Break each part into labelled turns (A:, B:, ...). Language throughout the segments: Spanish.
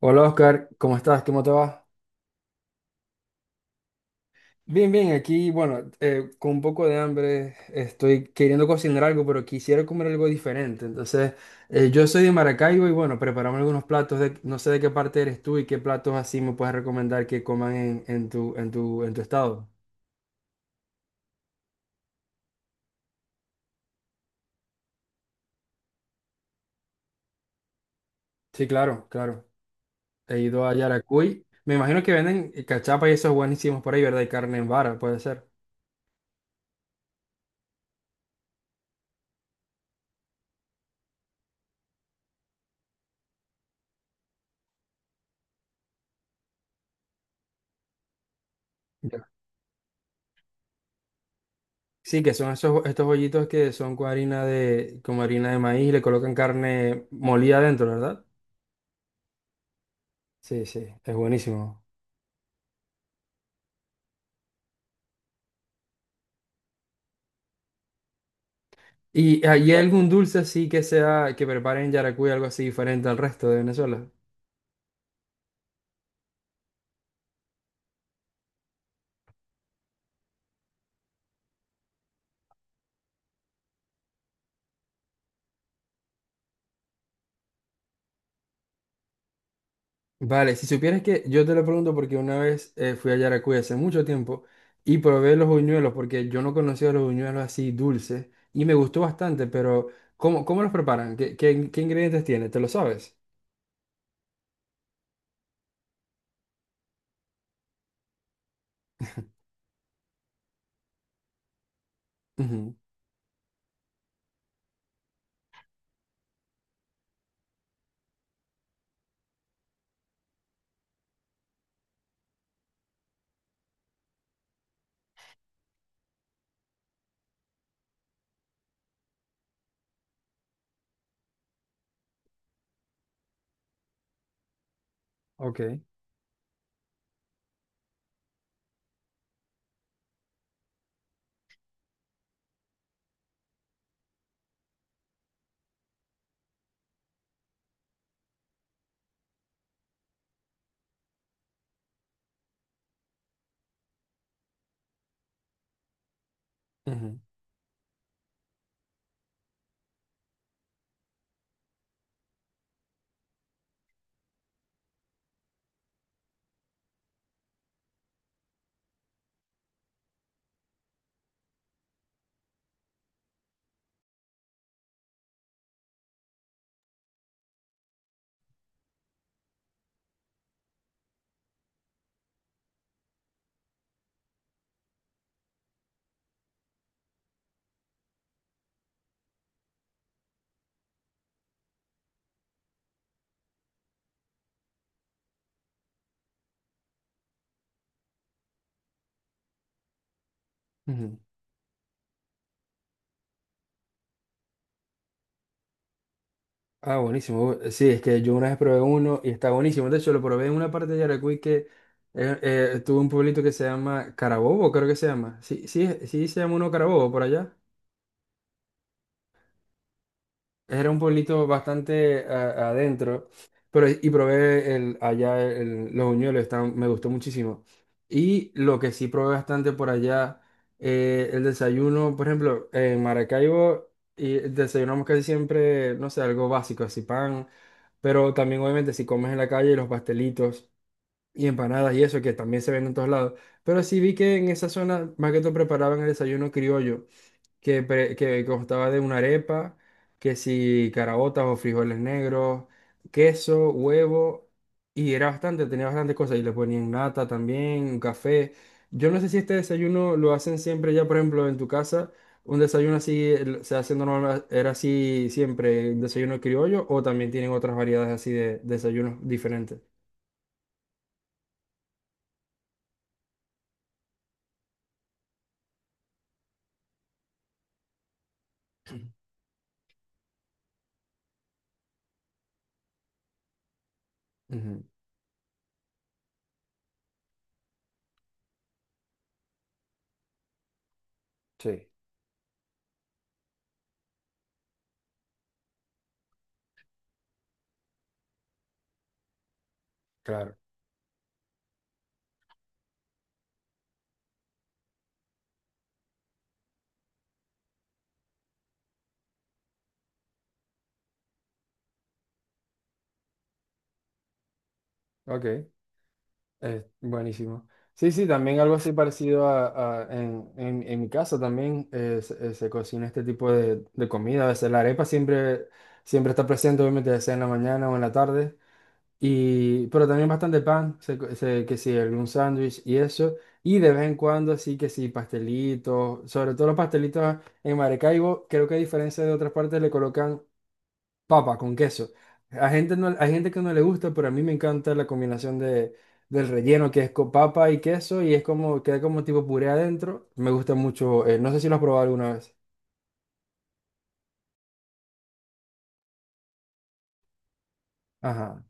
A: Hola Oscar, ¿cómo estás? ¿Cómo te va? Bien, bien, aquí, bueno, con un poco de hambre, estoy queriendo cocinar algo, pero quisiera comer algo diferente. Entonces, yo soy de Maracaibo y bueno, preparamos algunos platos de, no sé de qué parte eres tú y qué platos así me puedes recomendar que coman en tu estado. Sí, claro, claro. He ido a Yaracuy. Me imagino que venden cachapa y esos buenísimos por ahí, ¿verdad? Y carne en vara, puede ser. Sí, que son esos, estos bollitos que son con harina de, como harina de maíz y le colocan carne molida adentro, ¿verdad? Sí, sí, es buenísimo. ¿Y hay algún dulce así que sea, que preparen en Yaracuy, algo así diferente al resto de Venezuela? Vale, si supieras que yo te lo pregunto porque una vez fui a Yaracuy hace mucho tiempo y probé los buñuelos porque yo no conocía los buñuelos así dulces y me gustó bastante, pero ¿cómo, cómo los preparan? ¿Qué ingredientes tiene? ¿Te lo sabes? Ujú, Ok. Ujú, ujú. Ah, buenísimo. Sí, es que yo una vez probé uno y está buenísimo. De hecho, lo probé en una parte de Yaracuy que tuvo un pueblito que se llama Carabobo, creo que se llama. Sí, sí, sí se llama uno Carabobo por allá. Era un pueblito bastante adentro, pero y probé allá los buñuelos, me gustó muchísimo. Y lo que sí probé bastante por allá, el desayuno, por ejemplo, en Maracaibo y desayunamos casi siempre, no sé, algo básico, así pan, pero también obviamente si comes en la calle los pastelitos y empanadas y eso, que también se venden en todos lados. Pero sí vi que en esa zona más que todo preparaban el desayuno criollo que constaba de una arepa, que si caraotas o frijoles negros, queso, huevo, y era bastante, tenía bastantes cosas, y le ponían nata también, café. Yo no sé si este desayuno lo hacen siempre ya, por ejemplo, en tu casa, un desayuno así se hace normal, era así siempre, un desayuno criollo, o también tienen otras variedades así de desayunos diferentes. Ujú. Sí, claro. Ok. Buenísimo. Sí, sí, también algo así parecido en mi casa también se cocina este tipo de comida. A veces la arepa siempre, siempre está presente, obviamente, ya sea en la mañana o en la tarde. Y, pero también bastante pan, que sí, algún sándwich y eso. Y de vez en cuando, así que sí, pastelitos, sobre todo los pastelitos en Maracaibo, creo que a diferencia de otras partes le colocan papa con queso. A gente no, hay gente que no le gusta, pero a mí me encanta la combinación de, del relleno que es con papa y queso y es como, queda como tipo puré adentro. Me gusta mucho. No sé si lo has probado alguna vez. Ajá.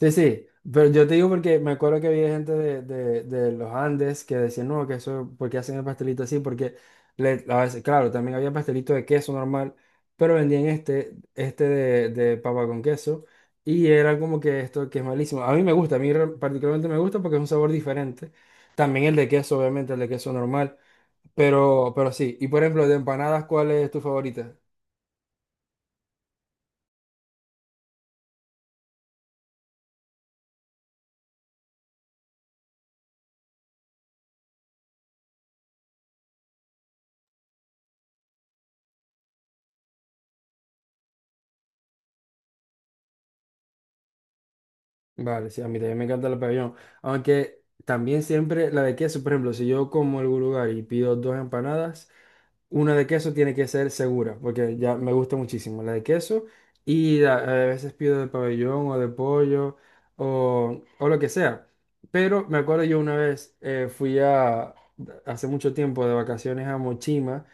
A: Sí, sí, pero yo te digo porque me acuerdo que había gente de los Andes que decían, no, que eso, ¿por qué hacen el pastelito así? Porque a veces, claro, también había pastelito de queso normal, pero vendían este de papa con queso, y era como que esto que es malísimo. A mí me gusta, particularmente me gusta porque es un sabor diferente. También el de queso, obviamente, el de queso normal, pero sí. Y por ejemplo, de empanadas, ¿cuál es tu favorita? Vale, sí, a mí también me encanta el pabellón. Aunque también siempre la de queso, por ejemplo, si yo como algún lugar y pido dos empanadas, una de queso tiene que ser segura, porque ya me gusta muchísimo la de queso y a veces pido de pabellón o de pollo o lo que sea. Pero me acuerdo yo una vez hace mucho tiempo de vacaciones a Mochima.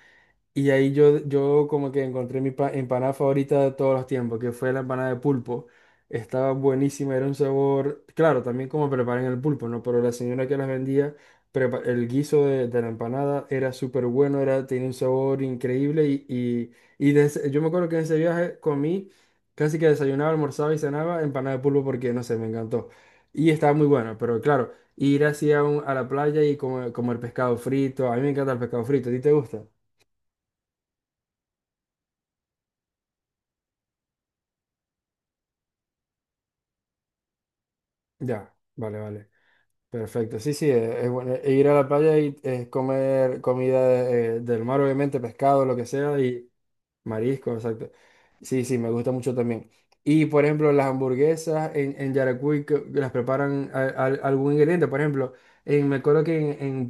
A: Y ahí yo, yo como que encontré empanada favorita de todos los tiempos, que fue la empanada de pulpo. Estaba buenísima, era un sabor, claro, también como preparan el pulpo, ¿no? Pero la señora que las vendía, el guiso de la empanada era súper bueno, era, tenía un sabor increíble y, yo me acuerdo que en ese viaje comí, casi que desayunaba, almorzaba y cenaba empanada de pulpo porque, no sé, me encantó. Y estaba muy bueno, pero claro, ir así a la playa y comer, comer pescado frito, a mí me encanta el pescado frito, ¿a ti te gusta? Ya, vale, vale. Perfecto. Sí, sí, es, bueno. E ir a la playa y comer comida del mar, obviamente, pescado, lo que sea, y marisco, exacto. Sí, sí, me gusta mucho también. Y, por ejemplo, las hamburguesas en Yaracuy que las preparan algún ingrediente. Por ejemplo, me acuerdo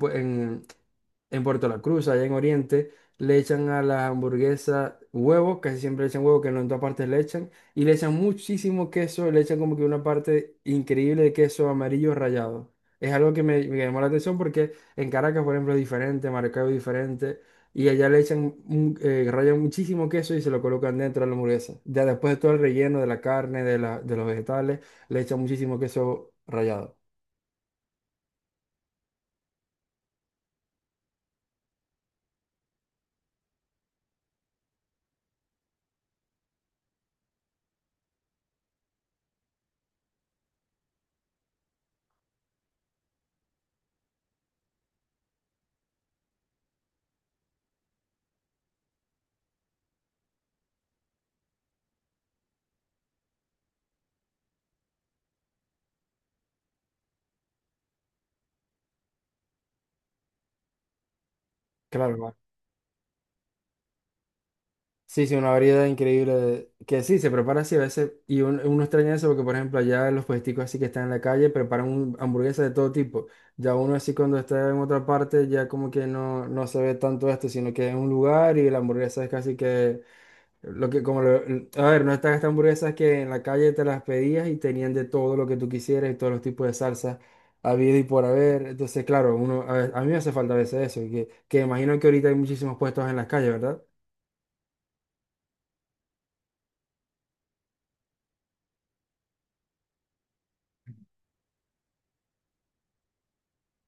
A: en Puerto La Cruz, allá en Oriente, le echan a la hamburguesa huevo, casi siempre le echan huevo, que no en todas partes le echan, y le echan muchísimo queso, le echan como que una parte increíble de queso amarillo rallado. Es algo que me llamó la atención porque en Caracas, por ejemplo, es diferente, Maracaibo es diferente, y allá le echan, rayan muchísimo queso y se lo colocan dentro de la hamburguesa. Ya después de todo el relleno de la carne, de la, de los vegetales, le echan muchísimo queso rallado. Claro, sí, sí, una variedad increíble que sí, se prepara así a veces y uno extraña eso porque, por ejemplo, allá los puesticos así que están en la calle preparan hamburguesas de todo tipo. Ya uno así cuando está en otra parte ya como que no, no se ve tanto esto, sino que es un lugar y la hamburguesa es casi que lo que como a ver, no están estas hamburguesas que en la calle te las pedías y tenían de todo lo que tú quisieras y todos los tipos de salsas habido y por haber. Entonces, claro, uno a mí me hace falta a veces eso, que imagino que ahorita hay muchísimos puestos en las calles, ¿verdad?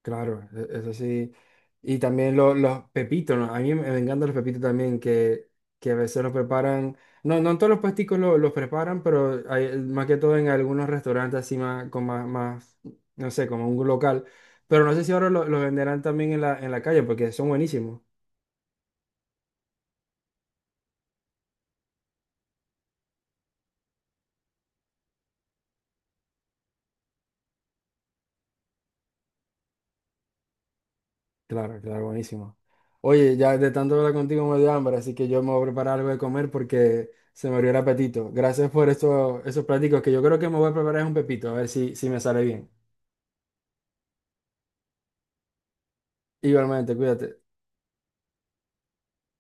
A: Claro, es así. Y también los pepitos, ¿no? A mí me me encantan los pepitos también, que a veces los preparan. No, no en todos los puesticos los preparan, pero más que todo en algunos restaurantes así más, más, no sé, como un local. Pero no sé si ahora los venderán también en en la calle, porque son buenísimos. Claro, claro, buenísimos. Oye, ya de tanto hablar contigo me dio hambre, así que yo me voy a preparar algo de comer porque se me abrió el apetito. Gracias por estos esos pláticos que yo creo que me voy a preparar es un pepito, a ver si, si me sale bien. Igualmente, cuídate.